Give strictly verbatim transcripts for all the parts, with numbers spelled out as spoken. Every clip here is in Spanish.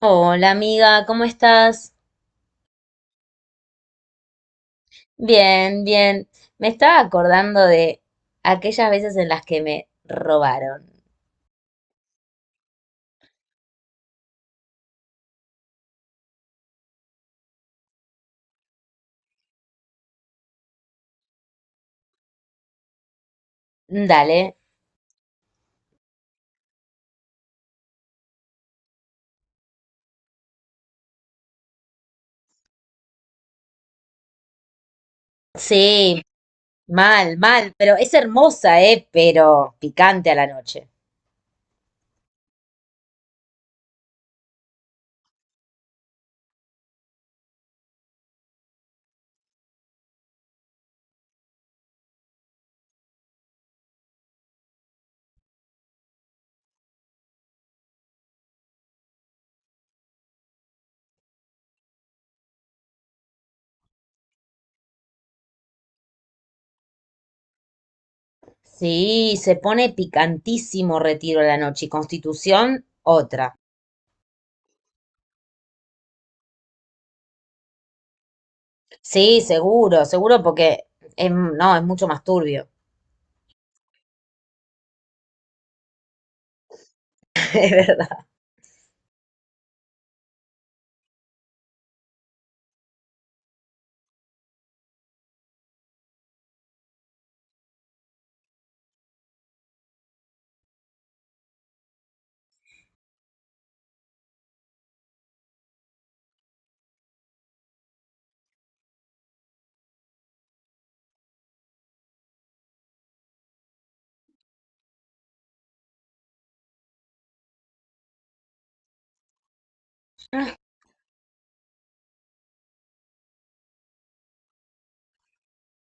Hola amiga, ¿cómo estás? Bien, bien. Me estaba acordando de aquellas veces en las que me robaron. Dale. Sí, mal, mal, pero es hermosa, ¿eh? Pero picante a la noche. Sí, se pone picantísimo Retiro a la noche y Constitución otra. Sí, seguro, seguro porque es- no, es mucho más turbio. Es verdad.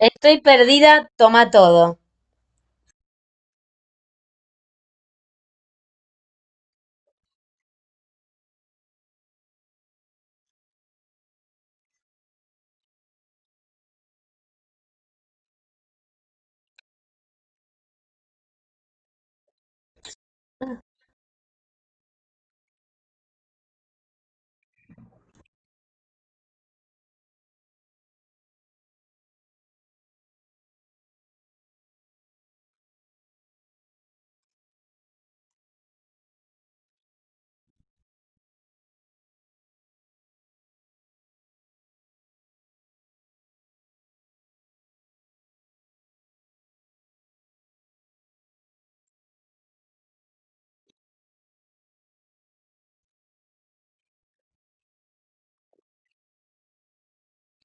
Estoy perdida, toma todo.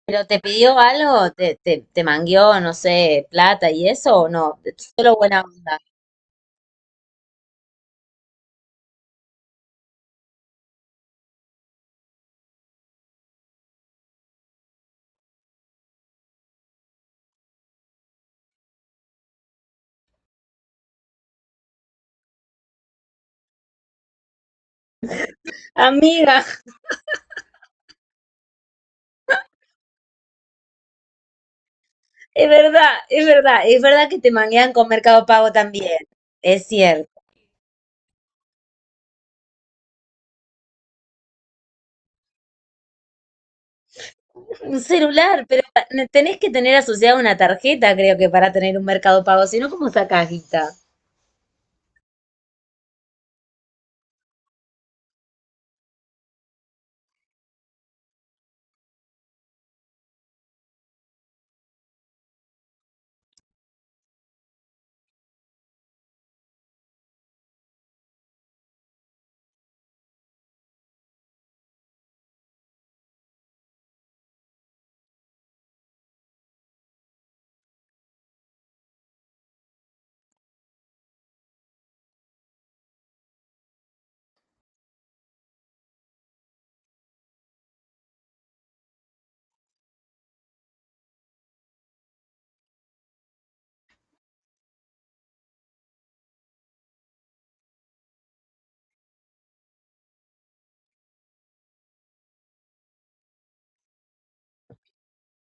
¿Pero te pidió algo? ¿Te, te, te mangueó, no sé, plata y eso o no? Solo buena onda. Amiga, es verdad, es verdad, es verdad que te manguean con Mercado Pago también. Es cierto. Un celular, pero tenés que tener asociada una tarjeta, creo que, para tener un Mercado Pago, si no, ¿cómo sacás guita?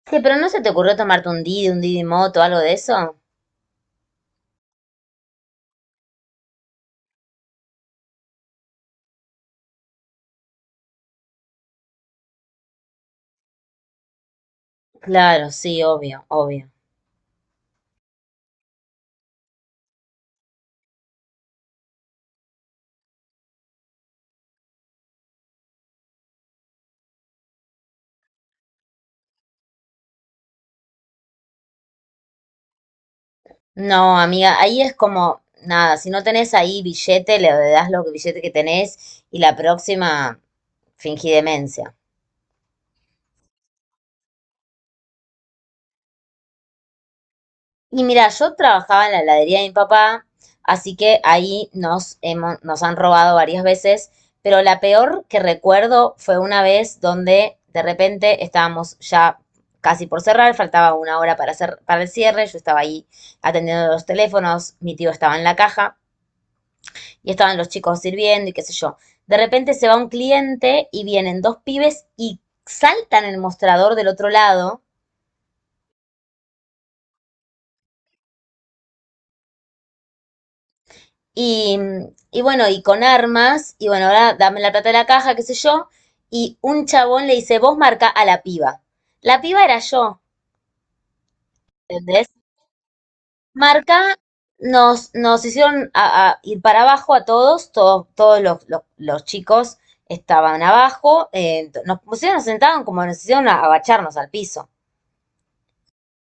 Che, pero ¿no se te ocurrió tomarte un Didi, un Didi Moto, algo de eso? Claro, sí, obvio, obvio. No, amiga, ahí es como, nada, si no tenés ahí billete, le das los billete que tenés y la próxima fingí demencia. Y mira, yo trabajaba en la heladería de mi papá, así que ahí nos hemos, nos han robado varias veces, pero la peor que recuerdo fue una vez donde de repente estábamos ya casi por cerrar, faltaba una hora para hacer, para el cierre, yo estaba ahí atendiendo los teléfonos, mi tío estaba en la caja, y estaban los chicos sirviendo y qué sé yo. De repente se va un cliente y vienen dos pibes y saltan el mostrador del otro lado y, y bueno, y con armas, y bueno, ahora dame la plata de la caja, qué sé yo, y un chabón le dice, vos marca a la piba. La piba era yo, ¿entendés? Marca, nos, nos hicieron a- a ir para abajo a todos, todos, todos los, los- los chicos estaban abajo, eh, nos pusieron, nos sentaban como nos hicieron a- agacharnos al piso.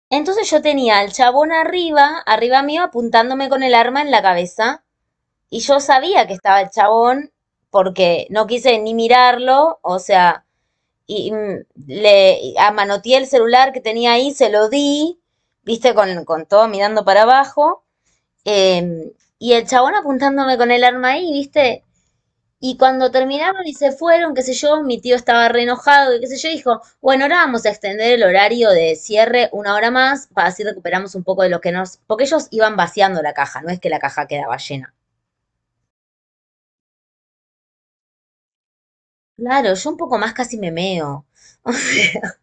Entonces yo tenía al chabón arriba, arriba mío, apuntándome con el arma en la cabeza. Y yo sabía que estaba el chabón porque no quise ni mirarlo, o sea, y, mm, le y amanoteé el celular que tenía ahí, se lo di, viste, con, con todo mirando para abajo. eh, y el chabón apuntándome con el arma ahí, viste. Y cuando terminaron y se fueron, qué sé yo, mi tío estaba re enojado, y qué sé yo, dijo, bueno, ahora vamos a extender el horario de cierre una hora más para así recuperamos un poco de lo que nos... Porque ellos iban vaciando la caja, no es que la caja quedaba llena. Claro, yo un poco más casi me meo, o sea,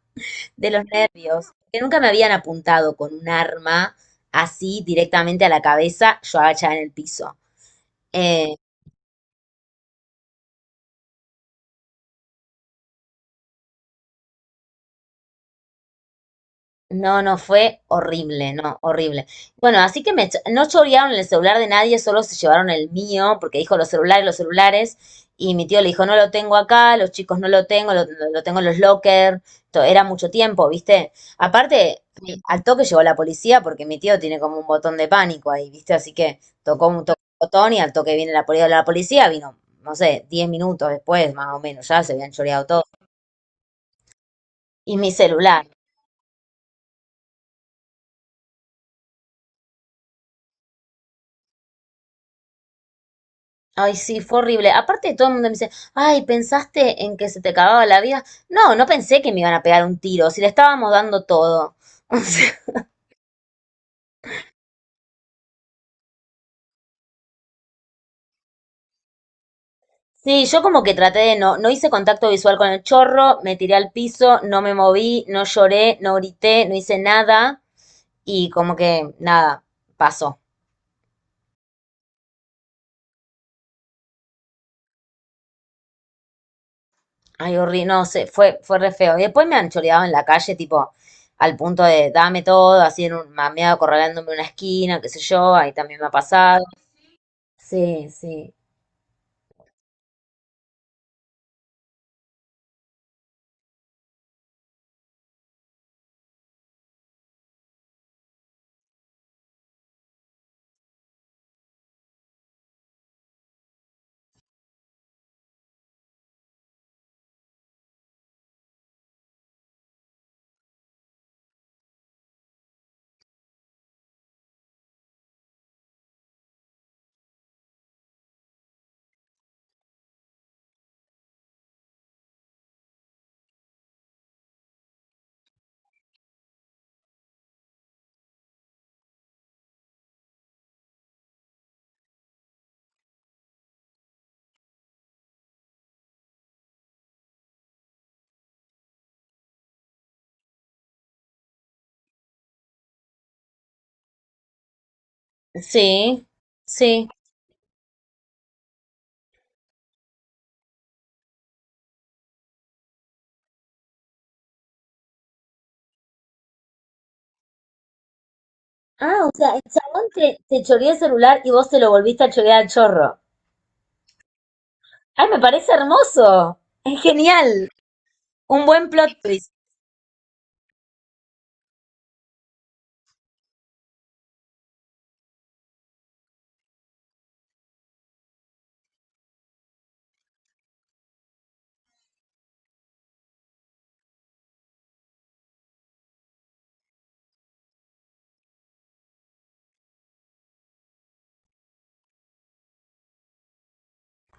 de los nervios, que nunca me habían apuntado con un arma así directamente a la cabeza, yo agachada en el piso. Eh, No, no, fue horrible, no, horrible. Bueno, así que me, cho- no chorearon el celular de nadie, solo se llevaron el mío, porque dijo los celulares, los celulares, y mi tío le dijo, no lo tengo acá, los chicos no lo tengo, lo, lo- lo tengo en los lockers, to- era mucho tiempo, ¿viste? Aparte, sí, al toque llegó la policía, porque mi tío tiene como un botón de pánico ahí, ¿viste? Así que tocó un, to- botón y al toque viene la policía, la policía vino, no sé, diez minutos después, más o menos, ya se habían choreado todo. Y mi celular. Ay, sí, fue horrible. Aparte, todo el mundo me dice, ay, ¿pensaste en que se te acababa la vida? No, no pensé que me iban a pegar un tiro, si le estábamos dando todo. O sea, sí, yo como que traté de no, no hice contacto visual con el chorro, me tiré al piso, no me moví, no lloré, no grité, no hice nada y como que nada, pasó. Ay, horrible, no sé, fue, fue re feo. Y después me han choreado en la calle, tipo, al punto de dame todo, así en un mameado acorralándome en una esquina, qué sé yo, ahí también me ha pasado. Sí, sí. Sí, sí. Ah, o sea, el chabón te, te choreó el celular y vos te lo volviste a chorear al chorro. Ay, me parece hermoso. Es genial. Un buen plot twist.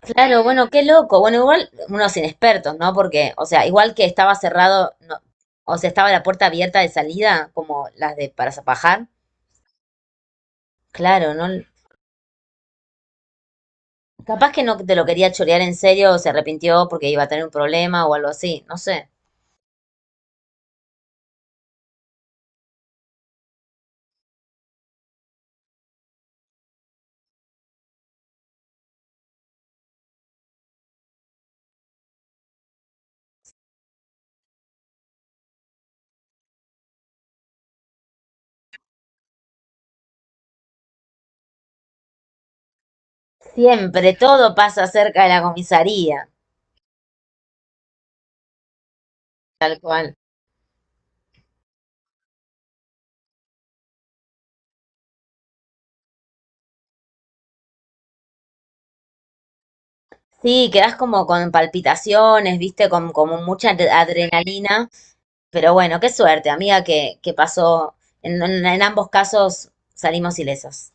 Claro, bueno, qué loco. Bueno, igual unos inexpertos, ¿no? Porque, o sea, igual que estaba cerrado, no- o sea, estaba la puerta abierta de salida, como las de para zapajar. Claro, ¿no? Capaz que no te lo quería chorear en serio o se arrepintió porque iba a tener un problema o algo así, no sé. Siempre todo pasa cerca de la comisaría, tal cual. Sí, quedás como con palpitaciones, viste, con como mucha ad- adrenalina, pero bueno, qué suerte, amiga, que, que pasó. En, en- en ambos casos salimos ilesas.